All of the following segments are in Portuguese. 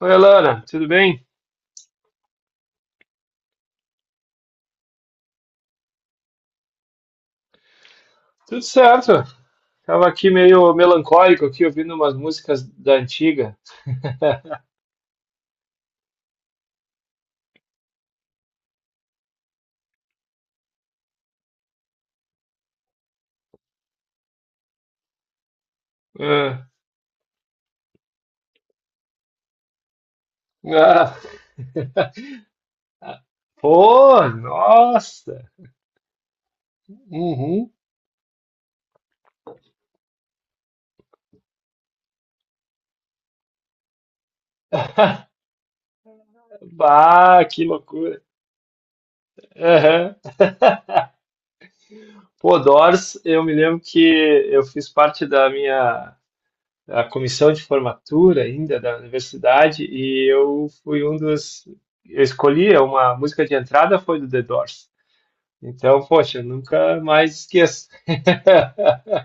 Oi, Alana, tudo bem? Tudo certo. Tava aqui meio melancólico aqui, ouvindo umas músicas da antiga. Ah, ah. Pô, nossa! Uhum. Bah, que loucura! Aham. Pô, Doors, eu me lembro que eu fiz parte da minha da comissão de formatura ainda da universidade e eu fui um dos. Eu escolhi uma música de entrada foi do The Doors. Então, poxa, nunca mais esqueço.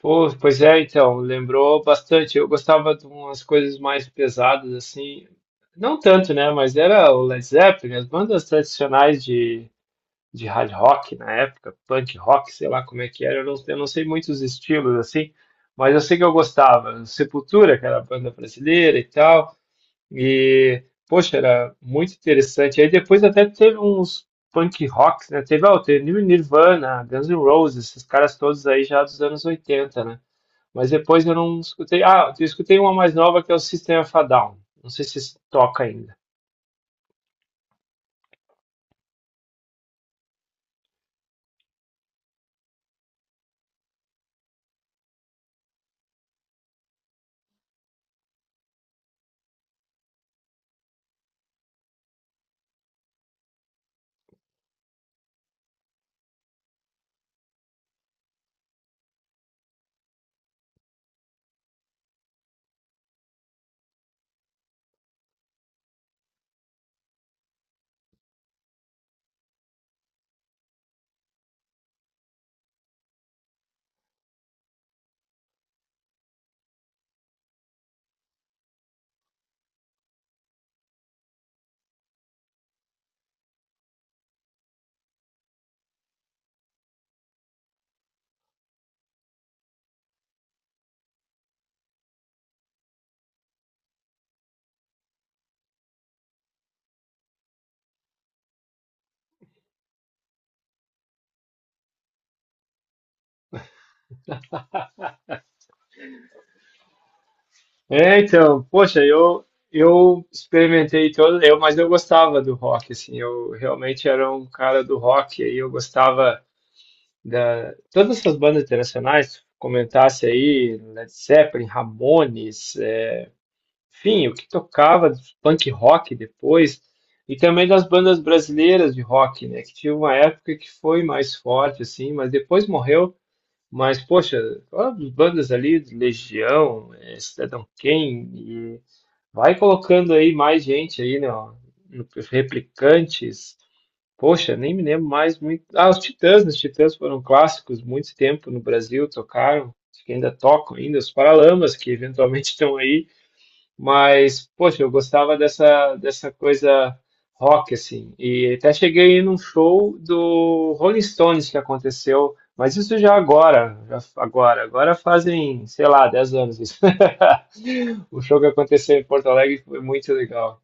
Pô, pois é, então, lembrou bastante. Eu gostava de umas coisas mais pesadas, assim, não tanto, né? Mas era o Led Zeppelin, as bandas tradicionais de hard rock na época, punk rock, sei lá como é que era, eu não sei muitos estilos, assim, mas eu sei que eu gostava. Sepultura, que era a banda brasileira e tal. E, poxa, era muito interessante. Aí depois até teve uns punk rocks, né? Teve, ó, teve Nirvana, Guns N' Roses, esses caras todos aí já dos anos 80, né? Mas depois eu não escutei. Ah, eu escutei uma mais nova que é o System of a Down. Não sei se toca ainda. É, então, poxa, eu experimentei todo, eu, mas eu gostava do rock, assim, eu realmente era um cara do rock, aí eu gostava da- todas essas bandas internacionais, comentasse aí, Led Zeppelin, Ramones, é, enfim, o que tocava de punk rock depois, e também das bandas brasileiras de rock, né, que tinha uma época que foi mais forte, assim, mas depois morreu, mas, poxa, todas as bandas ali, de Legião, é, Cidadão Kane, e vai colocando aí mais gente aí, né, ó, no- Replicantes, poxa, nem me lembro mais muito. Ah, os Titãs, né? Os Titãs foram clássicos muito tempo no Brasil, tocaram, acho que ainda tocam ainda, os Paralamas, que eventualmente estão aí, mas, poxa, eu gostava dessa coisa rock, assim, e até cheguei num show do Rolling Stones que aconteceu, mas isso já agora, agora fazem, sei lá, 10 anos isso. O show que aconteceu em Porto Alegre foi muito legal.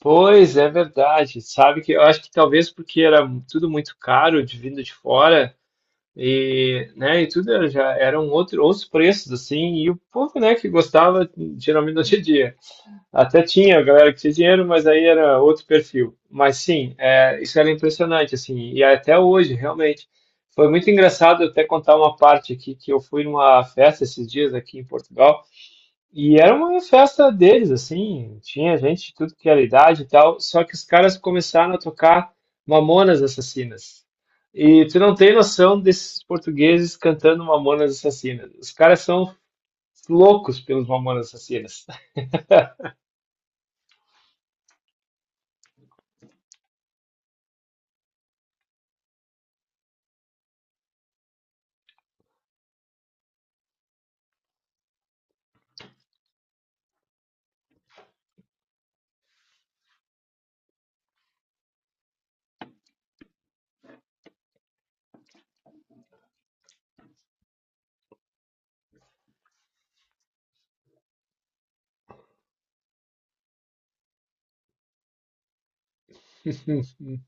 Pois é verdade. Sabe que eu acho que talvez porque era tudo muito caro de vindo de fora e, né, e tudo era- já eram outro, outros preços assim, e o povo, né, que gostava geralmente não tinha dinheiro. Até tinha a galera que tinha dinheiro, mas aí era outro perfil. Mas sim, é, isso era impressionante assim, e até hoje realmente foi muito engraçado eu até contar uma parte aqui que eu fui numa festa esses dias aqui em Portugal. E era uma festa deles, assim, tinha gente de tudo que era idade e tal, só que os caras começaram a tocar Mamonas Assassinas. E tu não tem noção desses portugueses cantando Mamonas Assassinas. Os caras são loucos pelos Mamonas Assassinas.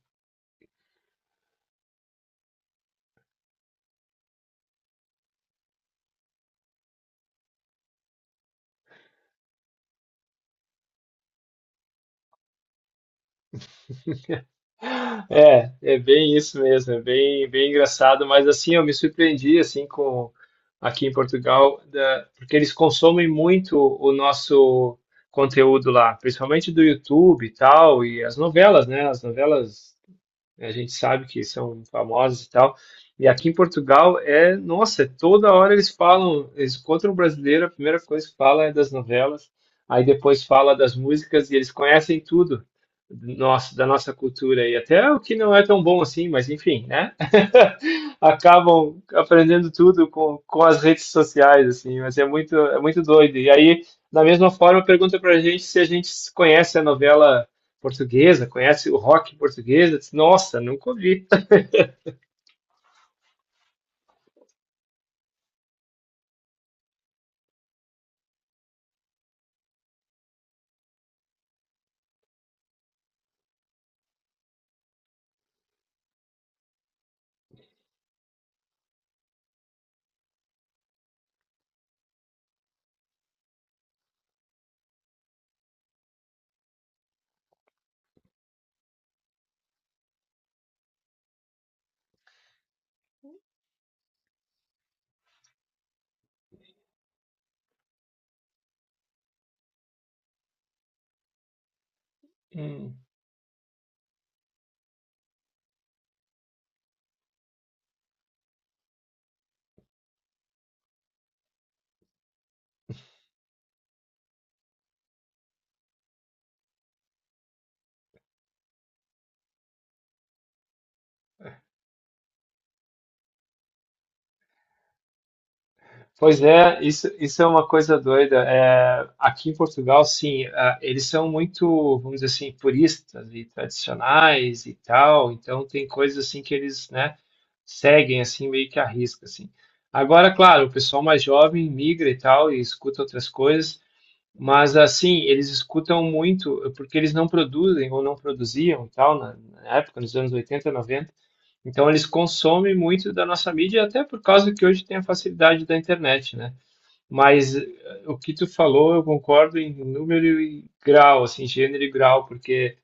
É, é bem isso mesmo, é bem, bem engraçado, mas assim, eu me surpreendi assim com aqui em Portugal, da- porque eles consomem muito o nosso conteúdo lá, principalmente do YouTube e tal, e as novelas, né? As novelas né? A gente sabe que são famosos e tal. E aqui em Portugal é, nossa, toda hora eles falam, eles encontram um brasileiro, a primeira coisa que fala é das novelas, aí depois fala das músicas e eles conhecem tudo do nosso, da nossa cultura e até o que não é tão bom assim, mas enfim, né? Acabam aprendendo tudo com as redes sociais, assim, mas é muito doido. E aí, da mesma forma, pergunta pra gente se a gente conhece a novela portuguesa, conhece o rock português? Disse: Nossa, nunca ouvi. Hum. Pois é, isso é uma coisa doida. É, aqui em Portugal, sim, é, eles são muito, vamos dizer assim, puristas e tradicionais e tal. Então tem coisas assim que eles, né, seguem assim meio que à risca, assim. Agora, claro, o pessoal mais jovem migra e tal e escuta outras coisas. Mas assim, eles escutam muito, porque eles não produzem ou não produziam tal, na época, nos anos 80, 90. Então eles consomem muito da nossa mídia, até por causa que hoje tem a facilidade da internet, né? Mas eh, o que tu falou, eu concordo em número e grau, assim, gênero e grau, porque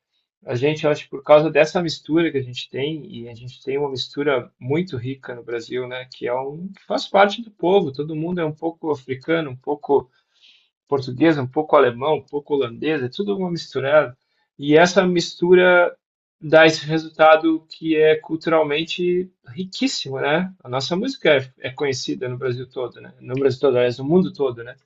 a gente, eu acho, que por causa dessa mistura que a gente tem, e a gente tem uma mistura muito rica no Brasil, né? Que é um que faz parte do povo, todo mundo é um pouco africano, um pouco português, um pouco alemão, um pouco holandês, é tudo uma misturada. E essa mistura dá esse resultado que é culturalmente riquíssimo, né? A nossa música é, é conhecida no Brasil todo, né? No Brasil todo, aliás, no mundo todo, né?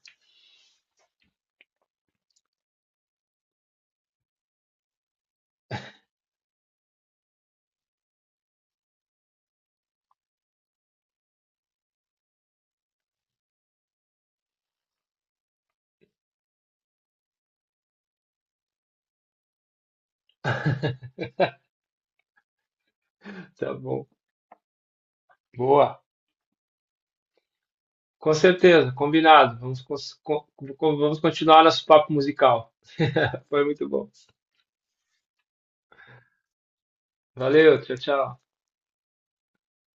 Tá bom. Boa. Com certeza, combinado. Vamos, cons- co- vamos continuar nosso papo musical. Foi muito bom. Valeu, tchau, tchau.